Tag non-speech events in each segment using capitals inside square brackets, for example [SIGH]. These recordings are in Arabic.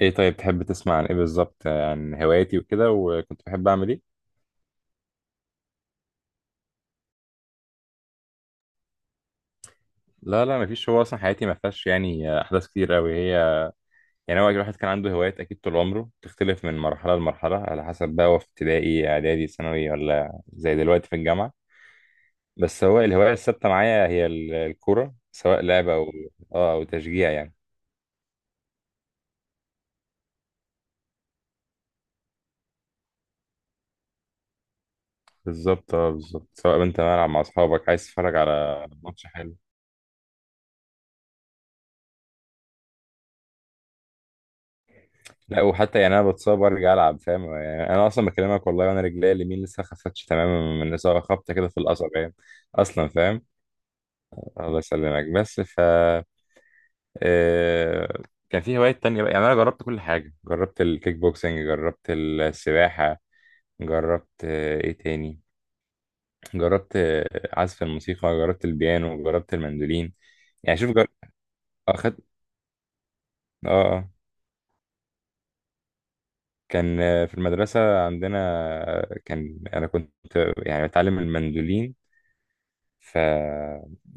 ايه، طيب، تحب تسمع عن ايه بالظبط؟ عن هواياتي وكده، وكنت بحب اعمل ايه؟ لا لا، مفيش. هو اصلا حياتي ما فيهاش يعني احداث كتير قوي. هي يعني هو الواحد كان عنده هوايات اكيد طول عمره، تختلف من مرحله لمرحله على حسب، بقى هو في ابتدائي، اعدادي، ثانوي، ولا زي دلوقتي في الجامعه. بس هو الهوايه الثابته معايا هي الكوره سواء لعبه او اه او تشجيع يعني. بالظبط، بالظبط، سواء انت ملعب مع اصحابك، عايز تتفرج على ماتش حلو. لا، وحتى يعني انا بتصاب وارجع العب، فاهم؟ يعني انا اصلا بكلمك والله وانا رجلي اليمين لسه ما خفتش تماما من اصابه، خبطه كده في القصبة يعني. اصلا فاهم. الله يسلمك. بس ف آه، كان في هوايات تانية بقى. يعني انا جربت كل حاجه، جربت الكيك بوكسنج، جربت السباحه، جربت آه، ايه تاني جربت آه، عزف الموسيقى، جربت البيانو، جربت المندولين. يعني اخدت اه آه. كان في المدرسة عندنا، آه، كان أنا كنت يعني بتعلم المندولين. ف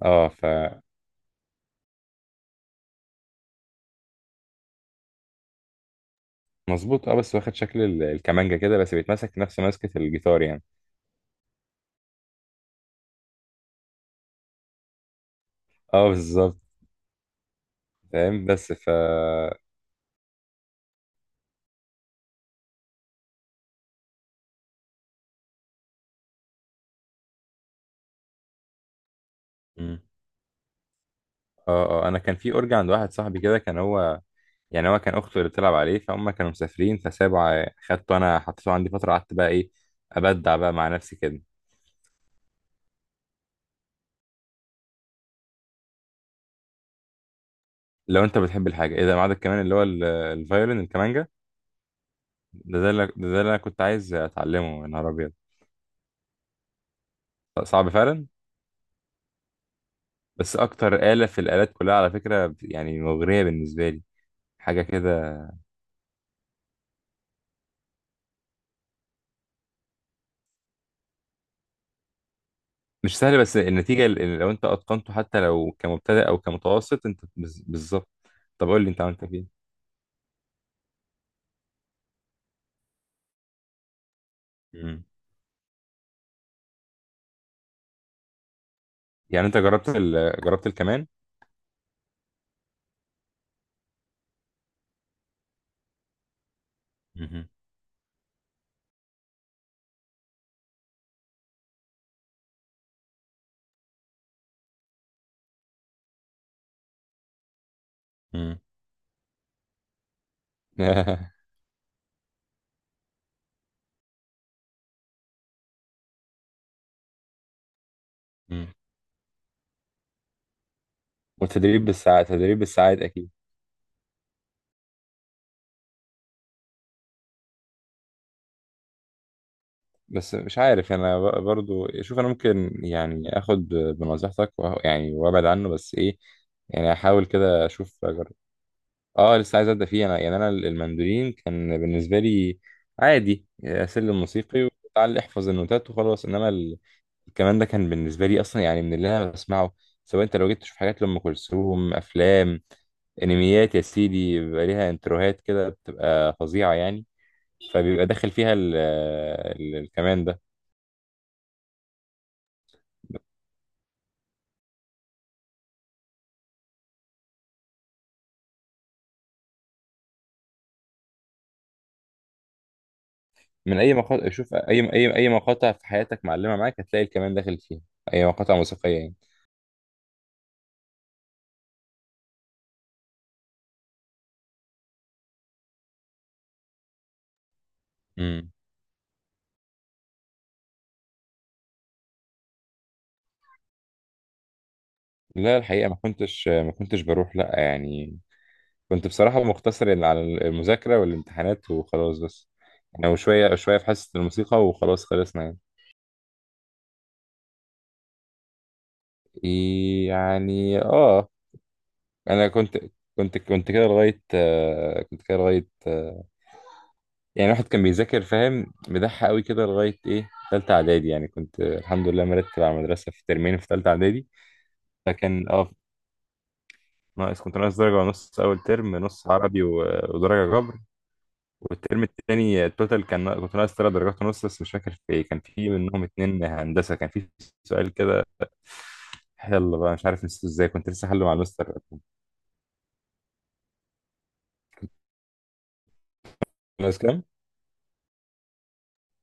اه ف مظبوط، اه، بس واخد شكل الكمانجا كده، بس بيتمسك نفس ماسكة الجيتار يعني. اه بالظبط. فاهم بس ف مم. اه انا كان في اورج عند واحد صاحبي كده، كان هو يعني هو كان اخته اللي بتلعب عليه، فهم كانوا مسافرين فسابوا خدته انا، حطيته عندي فترة، قعدت بقى ايه، ابدع بقى مع نفسي كده. لو انت بتحب الحاجة ايه ده، ما عندك كمان اللي هو الفيولين الكمانجا. ده اللي انا كنت عايز اتعلمه، يا نهار ابيض. صعب فعلا. بس اكتر آلة في الآلات كلها على فكرة يعني مغرية بالنسبة لي، حاجة كده. مش سهلة، بس النتيجة لو انت اتقنته حتى لو كمبتدئ او كمتوسط، انت بالظبط. طب قول لي انت، عملت فين؟ مم. يعني انت جربت جربت الكمان؟ مهم. مم. [LAUGHS] مم. والتدريب بالساعات، تدريب بالساعات اكيد. بس مش عارف انا برضو، شوف، انا ممكن يعني اخد بنصيحتك يعني وابعد عنه، بس ايه، يعني احاول كده اشوف. اه لسه عايز ابدا فيه انا. يعني انا المندولين كان بالنسبه لي عادي، سلم موسيقي وتعال احفظ النوتات وخلاص، انما الكمان ده كان بالنسبه لي اصلا يعني من اللي انا بسمعه. سواء انت لو جيت تشوف حاجات لام كلثوم، افلام، انميات يا سيدي، بيبقى ليها انتروهات كده بتبقى فظيعه يعني. فبيبقى داخل فيها ال ال الكمان ده. من اي مقاطع، شوف، اي مقاطع في حياتك معلمه معاك هتلاقي الكمان داخل فيها، اي مقاطع موسيقيه يعني. لا الحقيقة، ما كنتش بروح، لا يعني. كنت بصراحة مقتصر إن على المذاكرة والامتحانات وخلاص، بس يعني وشوية شوية في حصة الموسيقى وخلاص، خلصنا يعني. إيه يعني، اه. انا كنت، كنت كده لغاية آه، كنت كده لغاية يعني واحد كان بيذاكر، فاهم، مدح قوي كده لغاية ايه، تالتة اعدادي. يعني كنت الحمد لله مرتب على المدرسة في ترمين في تالتة اعدادي. فكان اه، ناقص، كنت ناقص درجة ونص اول ترم، نص عربي ودرجة جبر. والترم التاني التوتال كان، كنت ناقص ثلاث درجات ونص، بس مش فاكر في ايه، كان في منهم اتنين هندسة، كان في سؤال كده يلا بقى مش عارف نسيته ازاي، كنت لسه حله مع المستر. ناقص كام؟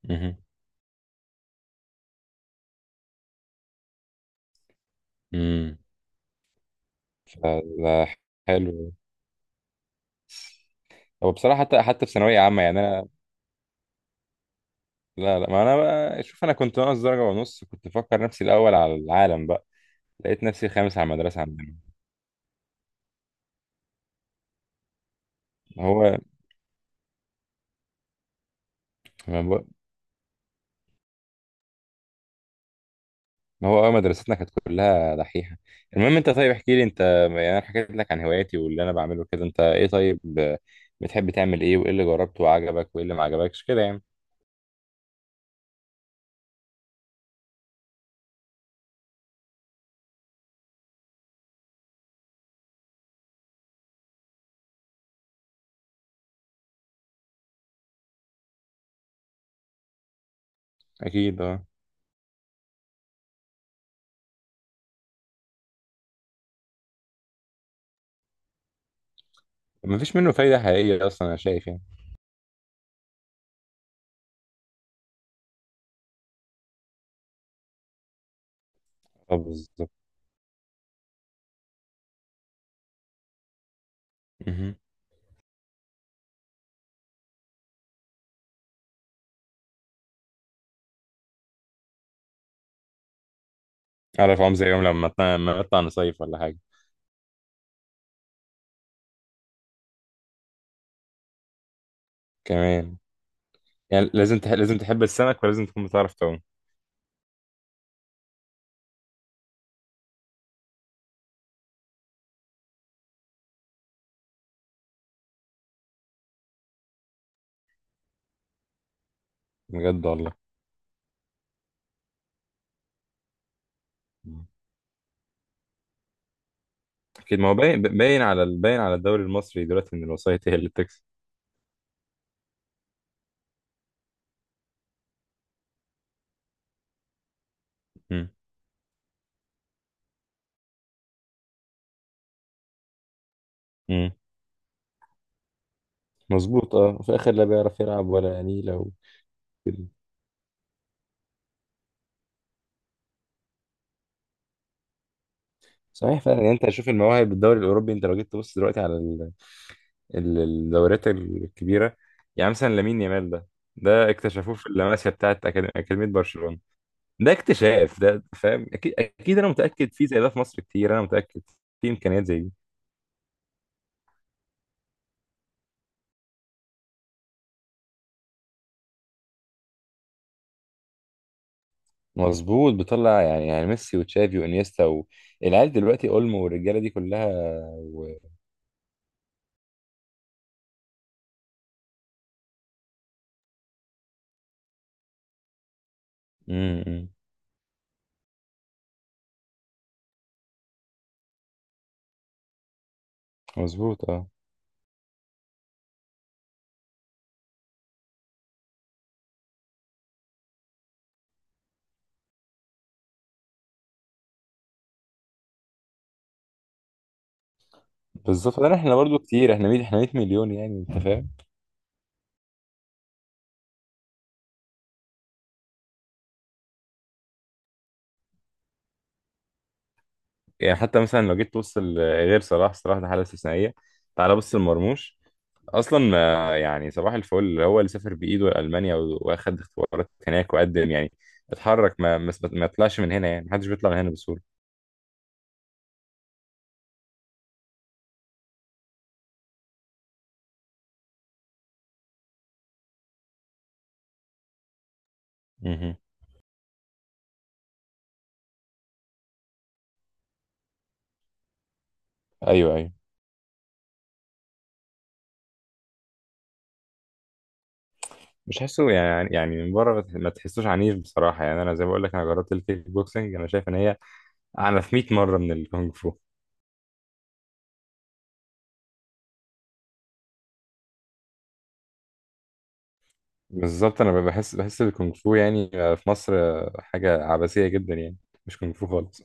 مهم. مم. فلا، حلو. هو بصراحة حتى في ثانوية عامة يعني، أنا، لا لا، ما أنا بقى شوف، أنا كنت ناقص درجة ونص كنت بفكر نفسي الأول على العالم بقى، لقيت نفسي خامس على المدرسة عندنا. هو، ما هو اه، مدرستنا كانت كلها دحيحة. المهم، انت طيب احكي لي انت. يعني انا حكيت لك عن هواياتي واللي انا بعمله كده، انت ايه طيب، بتحب تعمل ايه، وايه اللي جربته وعجبك، وايه اللي ما عجبكش كده يعني. اكيد اه. مفيش منه فايدة حقيقية اصلا، انا شايف يعني. اه بالظبط. مهم. اعرف عم، زي يوم لما لما نطلع نصيف ولا حاجة. كمان يعني لازم لازم تحب السمك، ولازم تكون بتعرف تعوم. بجد والله. مم. اكيد، ما هو باين باين على باين على الدوري المصري دلوقتي ان الوسائط هي اللي بتكسب. مم. مظبوط اه، وفي الاخر لا بيعرف يلعب ولا نيلة، وكده. صحيح فعلا يعني، انت شوف المواهب بالدوري الاوروبي، انت لو جيت تبص دلوقتي على الدوريات الكبيره، يعني مثلا لامين يامال ده، ده اكتشفوه في اللمسيه بتاعت اكاديميه برشلونه، ده اكتشاف ده، فاهم؟ اكيد اكيد، انا متاكد في زي ده في مصر كتير، انا متاكد في امكانيات زي دي. مظبوط، بيطلع يعني، يعني ميسي وتشافي وانيستا والعيال دلوقتي اولمو والرجاله دي كلها. و... م- م. مظبوط اه. بالظبط، لا احنا برضو كتير، احنا 100، احنا 100 مليون، يعني انت فاهم. يعني حتى مثلا لو جيت تبص غير صلاح، صلاح ده حاله استثنائيه، تعال بص لمرموش. اصلا يعني صباح الفل، هو اللي سافر بايده لالمانيا واخد اختبارات هناك وقدم يعني، اتحرك، ما طلعش من هنا يعني، محدش بيطلع من هنا بسهوله. مهم. ايوه ايوه. مش حاسه يعني، يعني من بره ما تحسوش عنيف بصراحه، يعني انا زي ما بقول لك انا جربت الكيك بوكسنج، انا شايف ان هي اعنف 100 مره من الكونغ فو. بالظبط، انا بحس الكونغ فو يعني في مصر حاجه عبثيه جدا يعني، مش كونغ فو خالص.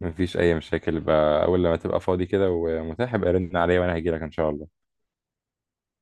مفيش اي مشاكل، بقى اول لما تبقى فاضي كده ومتاح ابقى رن عليا وانا هجيلك ان شاء الله.